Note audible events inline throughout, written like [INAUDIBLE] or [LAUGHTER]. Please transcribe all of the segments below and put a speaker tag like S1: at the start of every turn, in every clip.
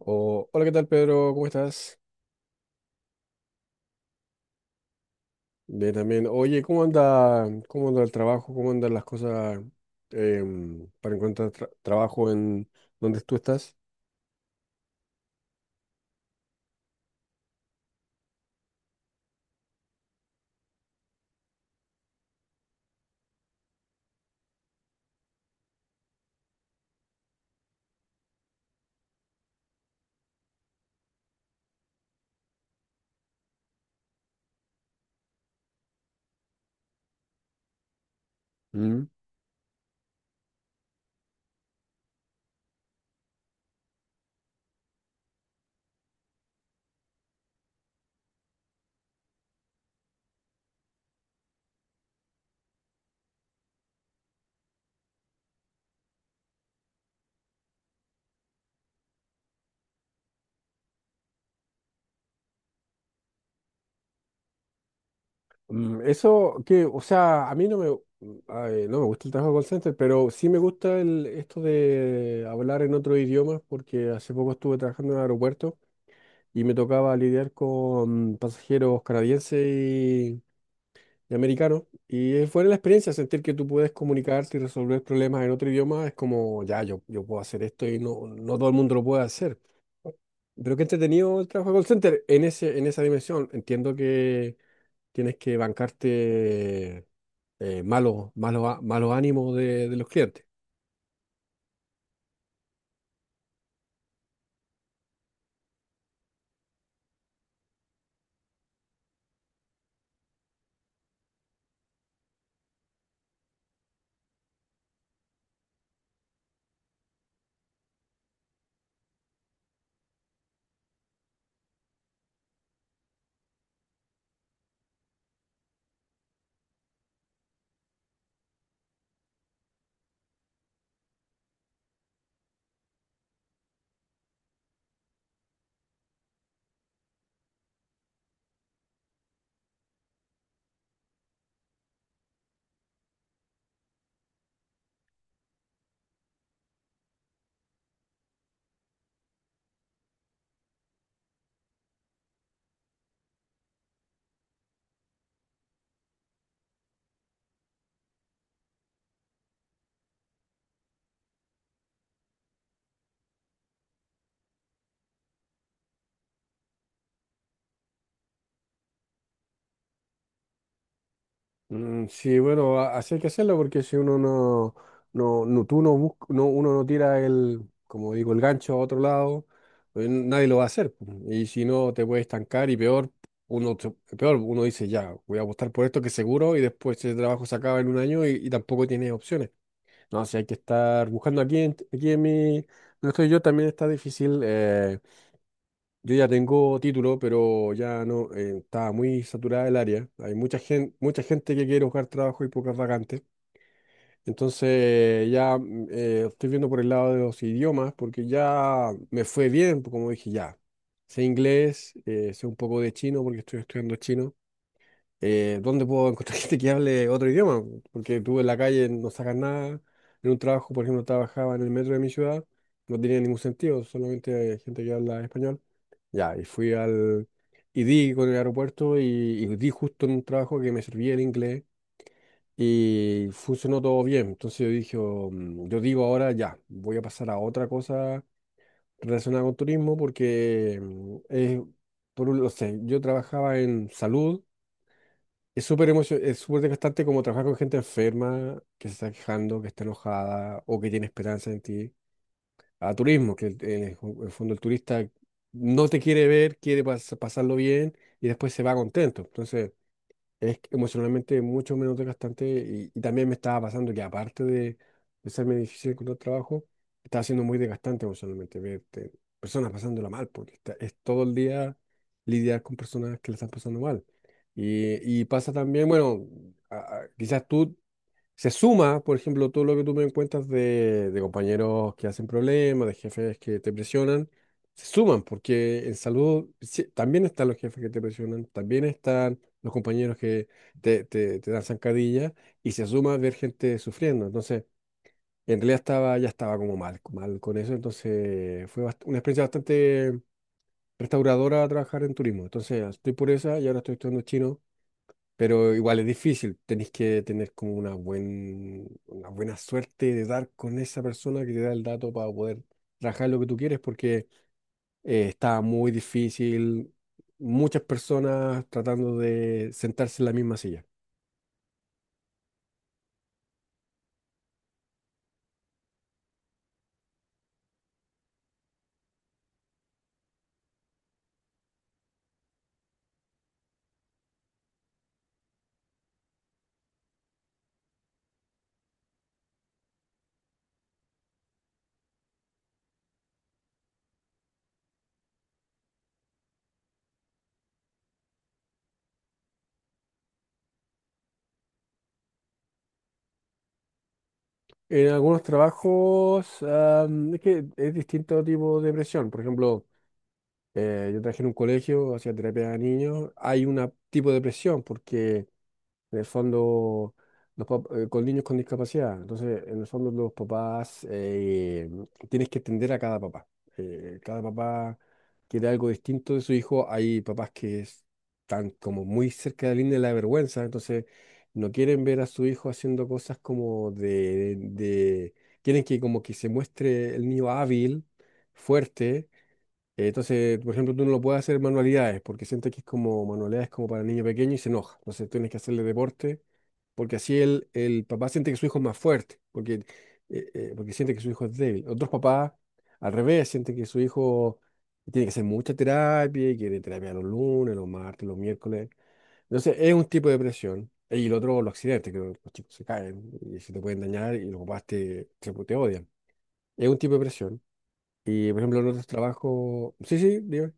S1: Oh, hola, ¿qué tal, Pedro? ¿Cómo estás? Bien, también. Oye, cómo anda el trabajo? ¿Cómo andan las cosas para encontrar trabajo en donde tú estás? Mm. Mm, eso que, o sea, a mí no me gusta el trabajo de call center, pero sí me gusta esto de hablar en otro idioma, porque hace poco estuve trabajando en el aeropuerto y me tocaba lidiar con pasajeros canadienses de americano. Y es buena la experiencia, sentir que tú puedes comunicarte y resolver problemas en otro idioma. Es como, ya, yo puedo hacer esto y no todo el mundo lo puede hacer. Pero qué entretenido el trabajo de call center en en esa dimensión. Entiendo que tienes que bancarte malos, malos ánimos de los clientes. Mm. Sí, bueno, así hay que hacerlo porque si uno tú no busca, no, uno no tira el, como digo, el gancho a otro lado, pues nadie lo va a hacer, pues. Y si no, te puedes estancar y peor, uno, se- peor, uno dice, ya, voy a apostar por esto que seguro y después ese trabajo se acaba en un año y tampoco tienes opciones. No, si hay que estar buscando aquí en mi, no estoy yo, también está difícil. Yo ya tengo título, pero ya no, estaba muy saturada el área. Hay mucha gente que quiere buscar trabajo y pocas vacantes. Entonces ya estoy viendo por el lado de los idiomas, porque ya me fue bien, pues, como dije, ya. Sé inglés, sé un poco de chino, porque estoy estudiando chino. ¿Dónde puedo encontrar [LAUGHS] gente que hable otro idioma? Porque tú en la calle no sacas nada. En un trabajo, por ejemplo, trabajaba en el metro de mi ciudad, no tenía ningún sentido, solamente hay gente que habla español. Ya, y fui al... Y di con el aeropuerto y di justo en un trabajo que me servía el inglés y funcionó todo bien. Entonces yo dije, "Oh, mm, yo digo ahora ya, voy a pasar a otra cosa relacionada con turismo porque no sé, yo trabajaba en salud. Es es súper desgastante, como trabajar con gente enferma que se está quejando, que está enojada o que tiene esperanza en ti, a turismo, que en el fondo el turista no te quiere ver, quiere pasarlo bien y después se va contento. Entonces, es emocionalmente mucho menos desgastante y también me estaba pasando que aparte de serme difícil encontrar trabajo, estaba siendo muy desgastante emocionalmente ver personas pasándola mal, porque es todo el día lidiar con personas que la están pasando mal. Y pasa también, bueno, a- quizás tú se suma, por ejemplo, todo lo que tú me cuentas de compañeros que hacen problemas, de jefes que te presionan, se suman, porque en salud sí, también están los jefes que te presionan, también están los compañeros que te dan zancadilla, y se suma ver gente sufriendo. Entonces, en realidad ya estaba como mal, mal con eso, entonces fue una experiencia bastante restauradora trabajar en turismo. Entonces, estoy por esa y ahora estoy estudiando chino, pero igual es difícil, tenés que tener como una buena suerte de dar con esa persona que te da el dato para poder trabajar lo que tú quieres, porque está muy difícil, muchas personas tratando de sentarse en la misma silla. En algunos trabajos es que es distinto tipo de presión. Por ejemplo, yo trabajé en un colegio, hacía terapia a niños, hay un tipo de presión porque en el fondo, con niños con discapacidad. Entonces, en el fondo, los papás, tienes que entender a cada papá. Cada papá quiere algo distinto de su hijo. Hay papás que están como muy cerca de la línea de la vergüenza, entonces no quieren ver a su hijo haciendo cosas como quieren que como que se muestre el niño hábil, fuerte. Entonces, por ejemplo, tú no lo puedes hacer manualidades porque sientes que es como manualidades como para niño pequeño y se enoja. Entonces tienes que hacerle deporte porque así el papá siente que su hijo es más fuerte, porque, porque siente que su hijo es débil. Otros papás, al revés, sienten que su hijo tiene que hacer mucha terapia y quiere terapia los lunes, los martes, los miércoles. Entonces, es un tipo de presión. Y el otro, los accidentes, que los chicos se caen y se te pueden dañar y los papás te odian. Es un tipo de presión. Y por ejemplo, en otros trabajos. Sí, sí, digo.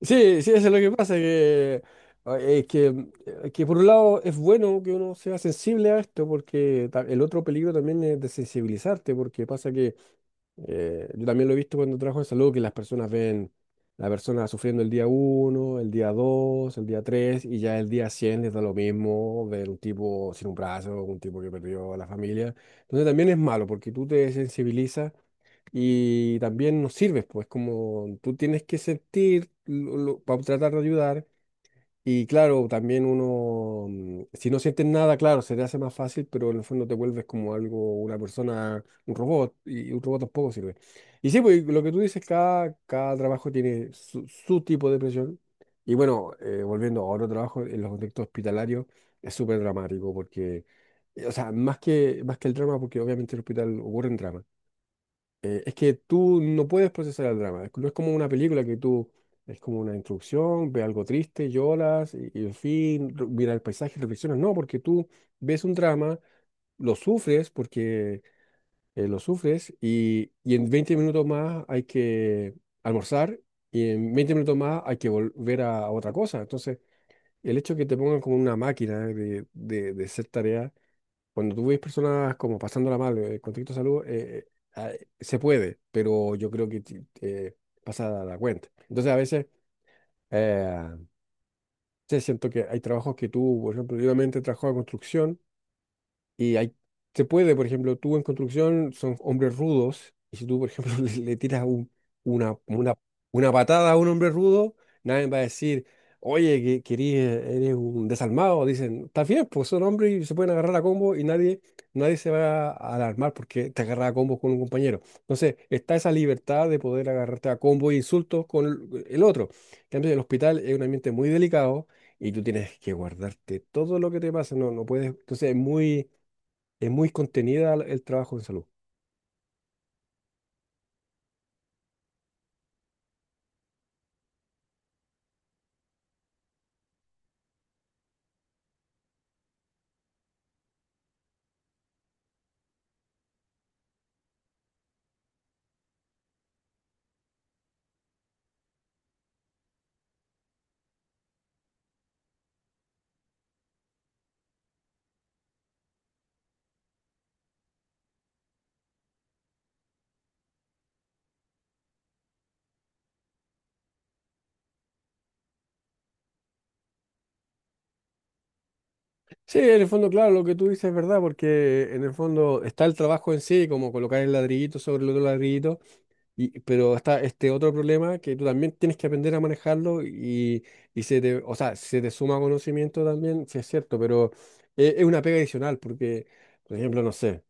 S1: Sí, sí, eso es lo que pasa, ah, es que, mm, que por un lado es bueno que uno sea sensible a esto, porque el otro peligro también es desensibilizarte, porque pasa que yo también lo he visto cuando trabajo en salud, que las personas ven la persona sufriendo el día uno, el día dos, el día 3 y ya el día 100 les da lo mismo ver un tipo sin un brazo, un tipo que perdió a la familia. Entonces también es malo, porque tú te desensibilizas y también nos sirves, pues como tú tienes que sentir para tratar de ayudar y claro, también uno, mm, si no sientes nada, claro, se te hace más fácil, pero en el fondo te vuelves como algo, una persona, un robot y un robot tampoco sirve. Y sí, pues lo que tú dices, cada trabajo tiene su tipo de presión y bueno, volviendo a otro trabajo, en los contextos hospitalarios es súper dramático porque... O sea, más que el drama, porque obviamente en el hospital ocurren dramas, es que tú no puedes procesar el drama. No es como una película que tú, es como una introducción, ve algo triste, lloras y en fin, mira el paisaje y reflexionas. No, porque tú ves un drama, lo sufres porque lo sufres y en 20 minutos más hay que almorzar y en 20 minutos más hay que volver a otra cosa. Entonces, el hecho de que te pongan como una máquina de, de hacer tareas cuando tú ves personas como pasándola mal, con conflicto de salud, ah, se puede, pero yo creo que pasa la cuenta. Entonces, a veces, eh, sí, siento que hay trabajos que tú, por ejemplo, yo también trabajaba en construcción y hay, se puede, por ejemplo, tú en construcción son hombres rudos, y si tú, por ejemplo, [LAUGHS] le tiras una, una, una patada a un hombre rudo, nadie va a decir, oye, que, querís, eres un desalmado. Dicen, está bien, pues son hombres y se pueden agarrar a combo y nadie, nadie se va a alarmar porque te agarras a combo con un compañero. Entonces, está esa libertad de poder agarrarte a combo e insultos con el otro. En cambio, el hospital es un ambiente muy delicado y tú tienes que guardarte todo lo que te pasa. No, no puedes. Entonces, es muy, es muy contenida el trabajo en salud. Sí, en el fondo, claro, lo que tú dices es verdad, porque en el fondo está el trabajo en sí, como colocar el ladrillito sobre el otro ladrillito, y, pero está este otro problema que tú también tienes que aprender a manejarlo y se te, o sea, se te suma conocimiento también, sí es cierto, pero es una pega adicional, porque, por ejemplo, no sé.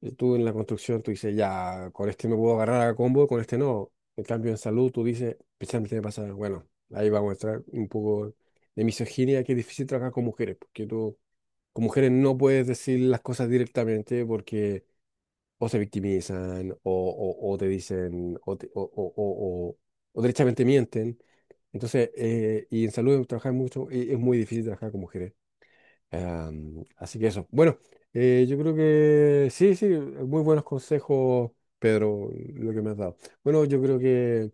S1: Y tú en la construcción, tú dices, ya, con este me puedo agarrar a combo, con este no. En cambio, en salud, tú dices, especialmente me pasa, bueno, ahí vamos a entrar un poco de misoginia, que es difícil trabajar con mujeres, porque tú con mujeres no puedes decir las cosas directamente porque o se victimizan o te dicen o, te- o, o- o derechamente mienten. Entonces, y en salud trabajar mucho, y es muy difícil trabajar con mujeres. Así que eso. Bueno, yo creo que sí, sí, muy buenos consejos, Pedro, lo que me has dado. Bueno, yo creo que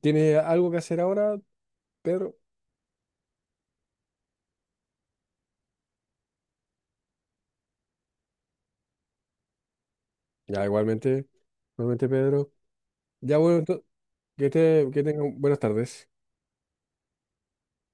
S1: tiene algo que hacer ahora, Pedro. Ya, igualmente, igualmente, Pedro. Ya, bueno, que, te, que tengan buenas tardes.